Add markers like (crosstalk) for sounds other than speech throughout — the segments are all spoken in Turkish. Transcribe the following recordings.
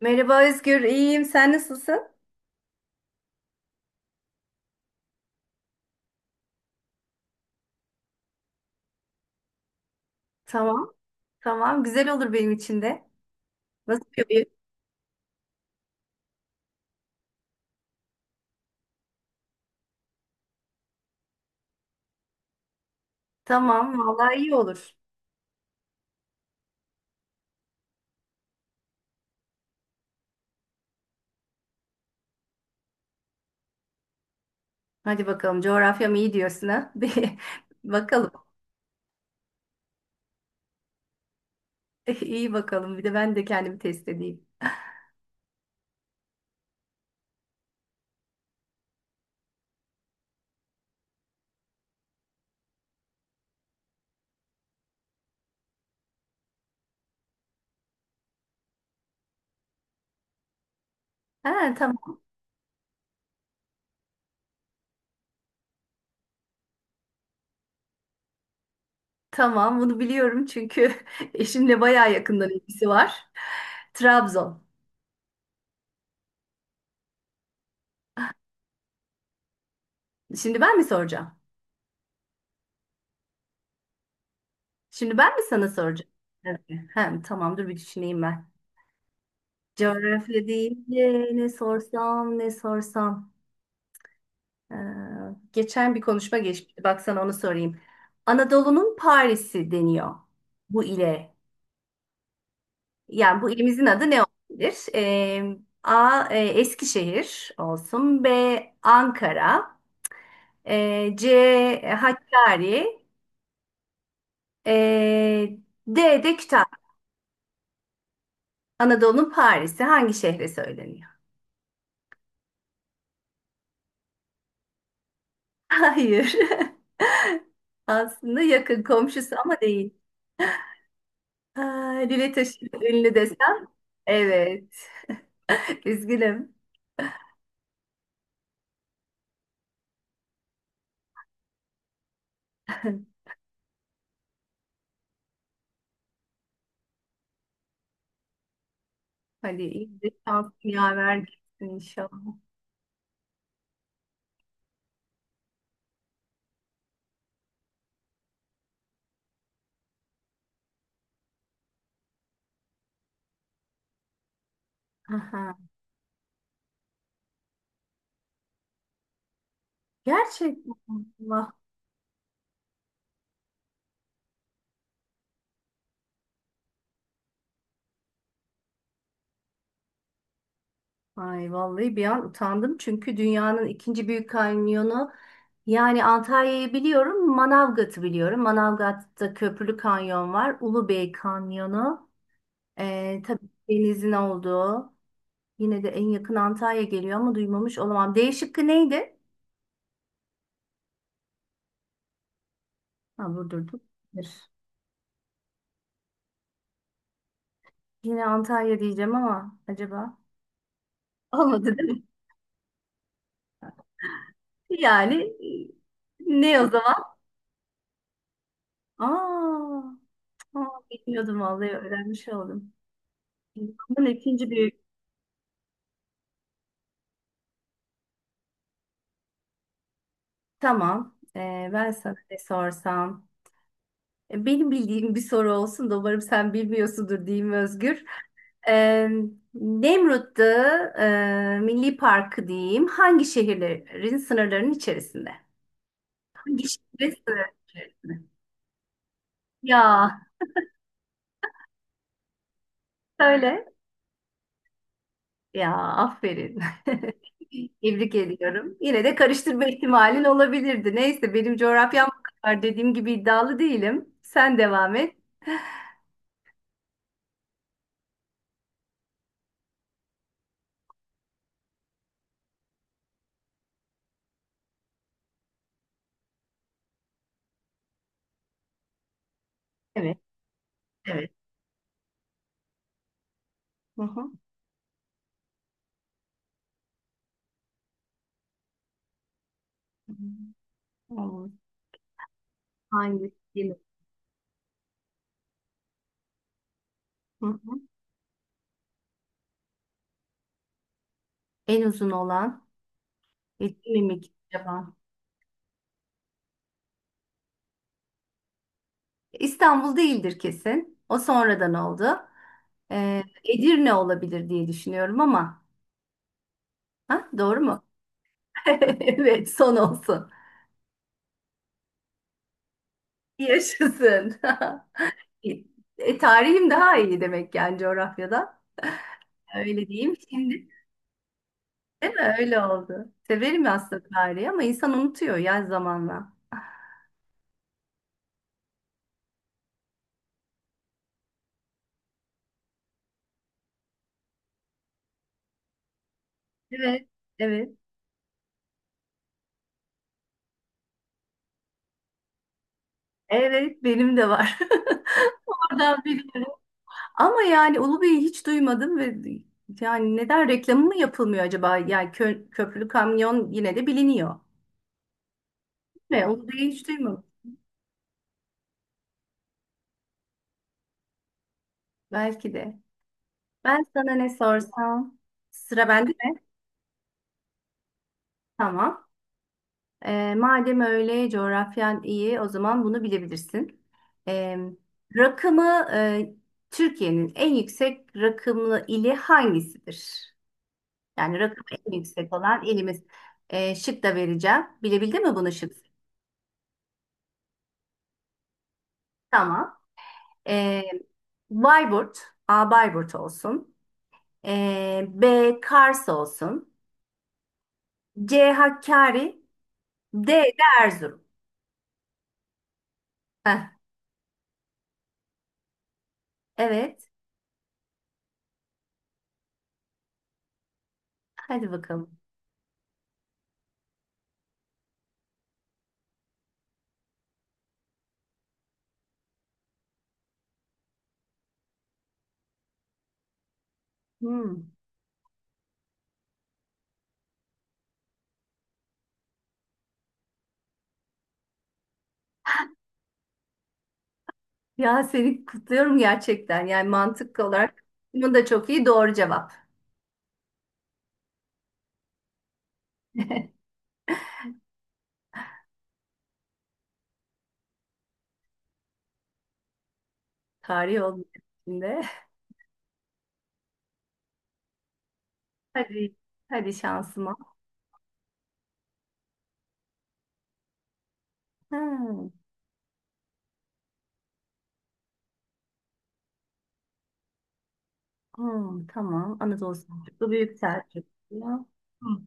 Merhaba Özgür, iyiyim. Sen nasılsın? Tamam, tamam. Güzel olur benim için de. Nasıl yapayım? Tamam, vallahi iyi olur. Hadi bakalım, coğrafyam iyi diyorsun ha? (laughs) Bir bakalım. (laughs) İyi bakalım. Bir de ben de kendimi test edeyim. Ha, tamam, tamam. Bunu biliyorum çünkü (laughs) eşimle bayağı yakından ilgisi var. Trabzon. Şimdi ben mi soracağım? Şimdi ben mi sana soracağım? Evet. Hem tamam, dur bir düşüneyim ben. Coğrafya deyince ne sorsam ne sorsam. Ee, geçen bir konuşma geçmişti. Baksana onu sorayım. Anadolu'nun Paris'i deniyor bu ile. Yani bu ilimizin adı ne olabilir? A. Eskişehir olsun. B. Ankara. C. Hakkari. Ee, D. de Kütahya. Anadolu'nun Paris'i hangi şehre söyleniyor? (laughs) Hayır. (laughs) Aslında yakın komşusu ama değil. Aa, Lüle Taşı'nın ünlü desem. Evet. (laughs) Üzgünüm. (laughs) Hadi iyi de şansın yaver gitsin inşallah. Aha. Gerçekten Allah. Ay vallahi bir an utandım çünkü dünyanın ikinci büyük kanyonu yani Antalya'yı biliyorum, Manavgat'ı biliyorum. Manavgat'ta Köprülü Kanyon var, Ulubey Kanyonu. Tabii denizin olduğu. Yine de en yakın Antalya geliyor ama duymamış olamam. D şıkkı neydi? Ha Burdur'du. Yine Antalya diyeceğim ama acaba olmadı değil mi? Yani ne o zaman? Aa, aa, bilmiyordum vallahi öğrenmiş oldum. Bunun ikinci büyük. Tamam. Ben sana ne sorsam? Benim bildiğim bir soru olsun da umarım sen bilmiyorsundur diyeyim Özgür. Ee, Nemrut'ta Milli Parkı diyeyim. Hangi şehirlerin sınırlarının içerisinde? Hangi şehirlerin sınırlarının içerisinde? Ya söyle. Ya aferin. (laughs) Tebrik ediyorum. Yine de karıştırma ihtimalin olabilirdi. Neyse benim coğrafyam bu kadar dediğim gibi iddialı değilim. Sen devam et. Evet, evet. Hı hı. Tamam. Hangisi? Hı hı. En uzun olan Edirne mi acaba? İstanbul değildir kesin. O sonradan oldu. Edirne olabilir diye düşünüyorum ama. Ha, doğru mu? (laughs) Evet, son olsun. Yaşasın. (laughs) Tarihim daha iyi demek yani coğrafyada. Öyle diyeyim şimdi değil mi? Öyle oldu. Severim aslında tarihi ama insan unutuyor ya zamanla. Evet, evet. Evet, benim de var. (laughs) Oradan biliyorum. Ama yani Ulubey'i hiç duymadım ve yani neden reklamı mı yapılmıyor acaba? Yani köprülü kamyon yine de biliniyor. Ve Ulubey'i hiç duymadım. Belki de. Ben sana ne sorsam? Sıra bende mi? Tamam. Madem öyle coğrafyan iyi o zaman bunu bilebilirsin. E, rakımı Türkiye'nin en yüksek rakımlı ili hangisidir? Yani rakım en yüksek olan ilimiz. Şık da vereceğim. Bilebildin mi bunu şık? Tamam. E, Bayburt, A Bayburt olsun. B Kars olsun. C Hakkari, D de Erzurum. Heh, evet. Hadi bakalım. Hmm. Ya seni kutluyorum gerçekten. Yani mantık olarak bunun da çok iyi doğru cevap. Tarih olmuyor içinde. (laughs) Hadi, hadi şansıma. Hmm, hmm, tamam. Anadolu Selçuklu Büyük Selçuklu. Hmm.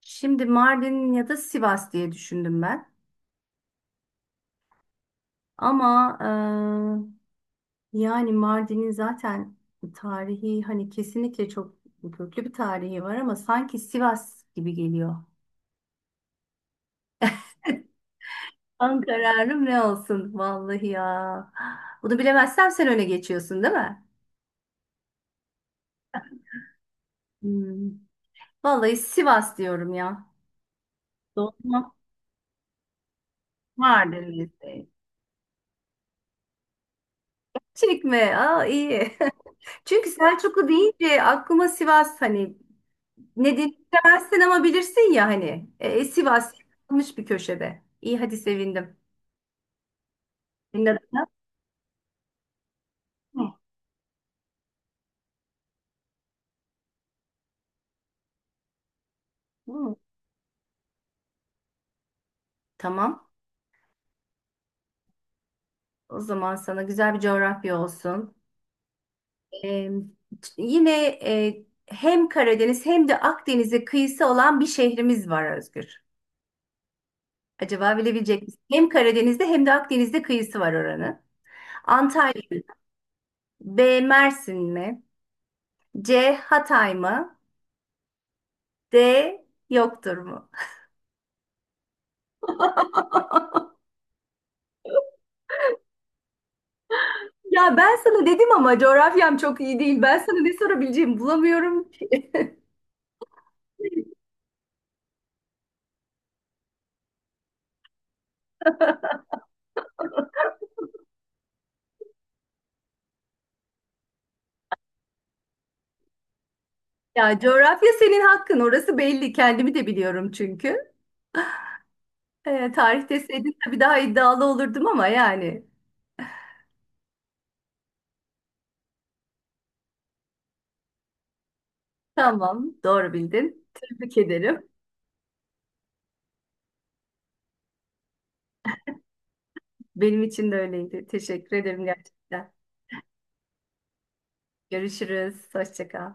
Şimdi Mardin ya da Sivas diye düşündüm ben. Ama yani Mardin'in zaten tarihi hani kesinlikle çok köklü bir tarihi var ama sanki Sivas gibi geliyor. (laughs) Son kararım ne olsun vallahi ya. Bunu bilemezsem sen öne geçiyorsun değil mi? Hmm. Vallahi Sivas diyorum ya. Doğru Vardır liste. Çekme. Aa iyi. (laughs) Çünkü Selçuklu deyince aklıma Sivas hani ne demezsin ama bilirsin ya hani. Sivas kalmış bir köşede. İyi hadi sevindim. Senin adın ne? Hı. Tamam. O zaman sana güzel bir coğrafya olsun. Ee, yine hem Karadeniz hem de Akdeniz'e kıyısı olan bir şehrimiz var Özgür. Acaba bilebilecek misin? Hem Karadeniz'de hem de Akdeniz'de kıyısı var oranın. Antalya mı? B. Mersin mi? C. Hatay mı? D. Yoktur mu? (laughs) Ya ben sana dedim ama coğrafyam çok iyi değil. Ben sana ne sorabileceğimi bulamıyorum. Ya coğrafya senin hakkın. Orası belli. Kendimi de biliyorum çünkü. Tarih deseydin tabii daha iddialı olurdum ama yani. Tamam, doğru bildin. Tebrik ederim. Benim için de öyleydi. Teşekkür ederim gerçekten. Görüşürüz. Hoşça kal.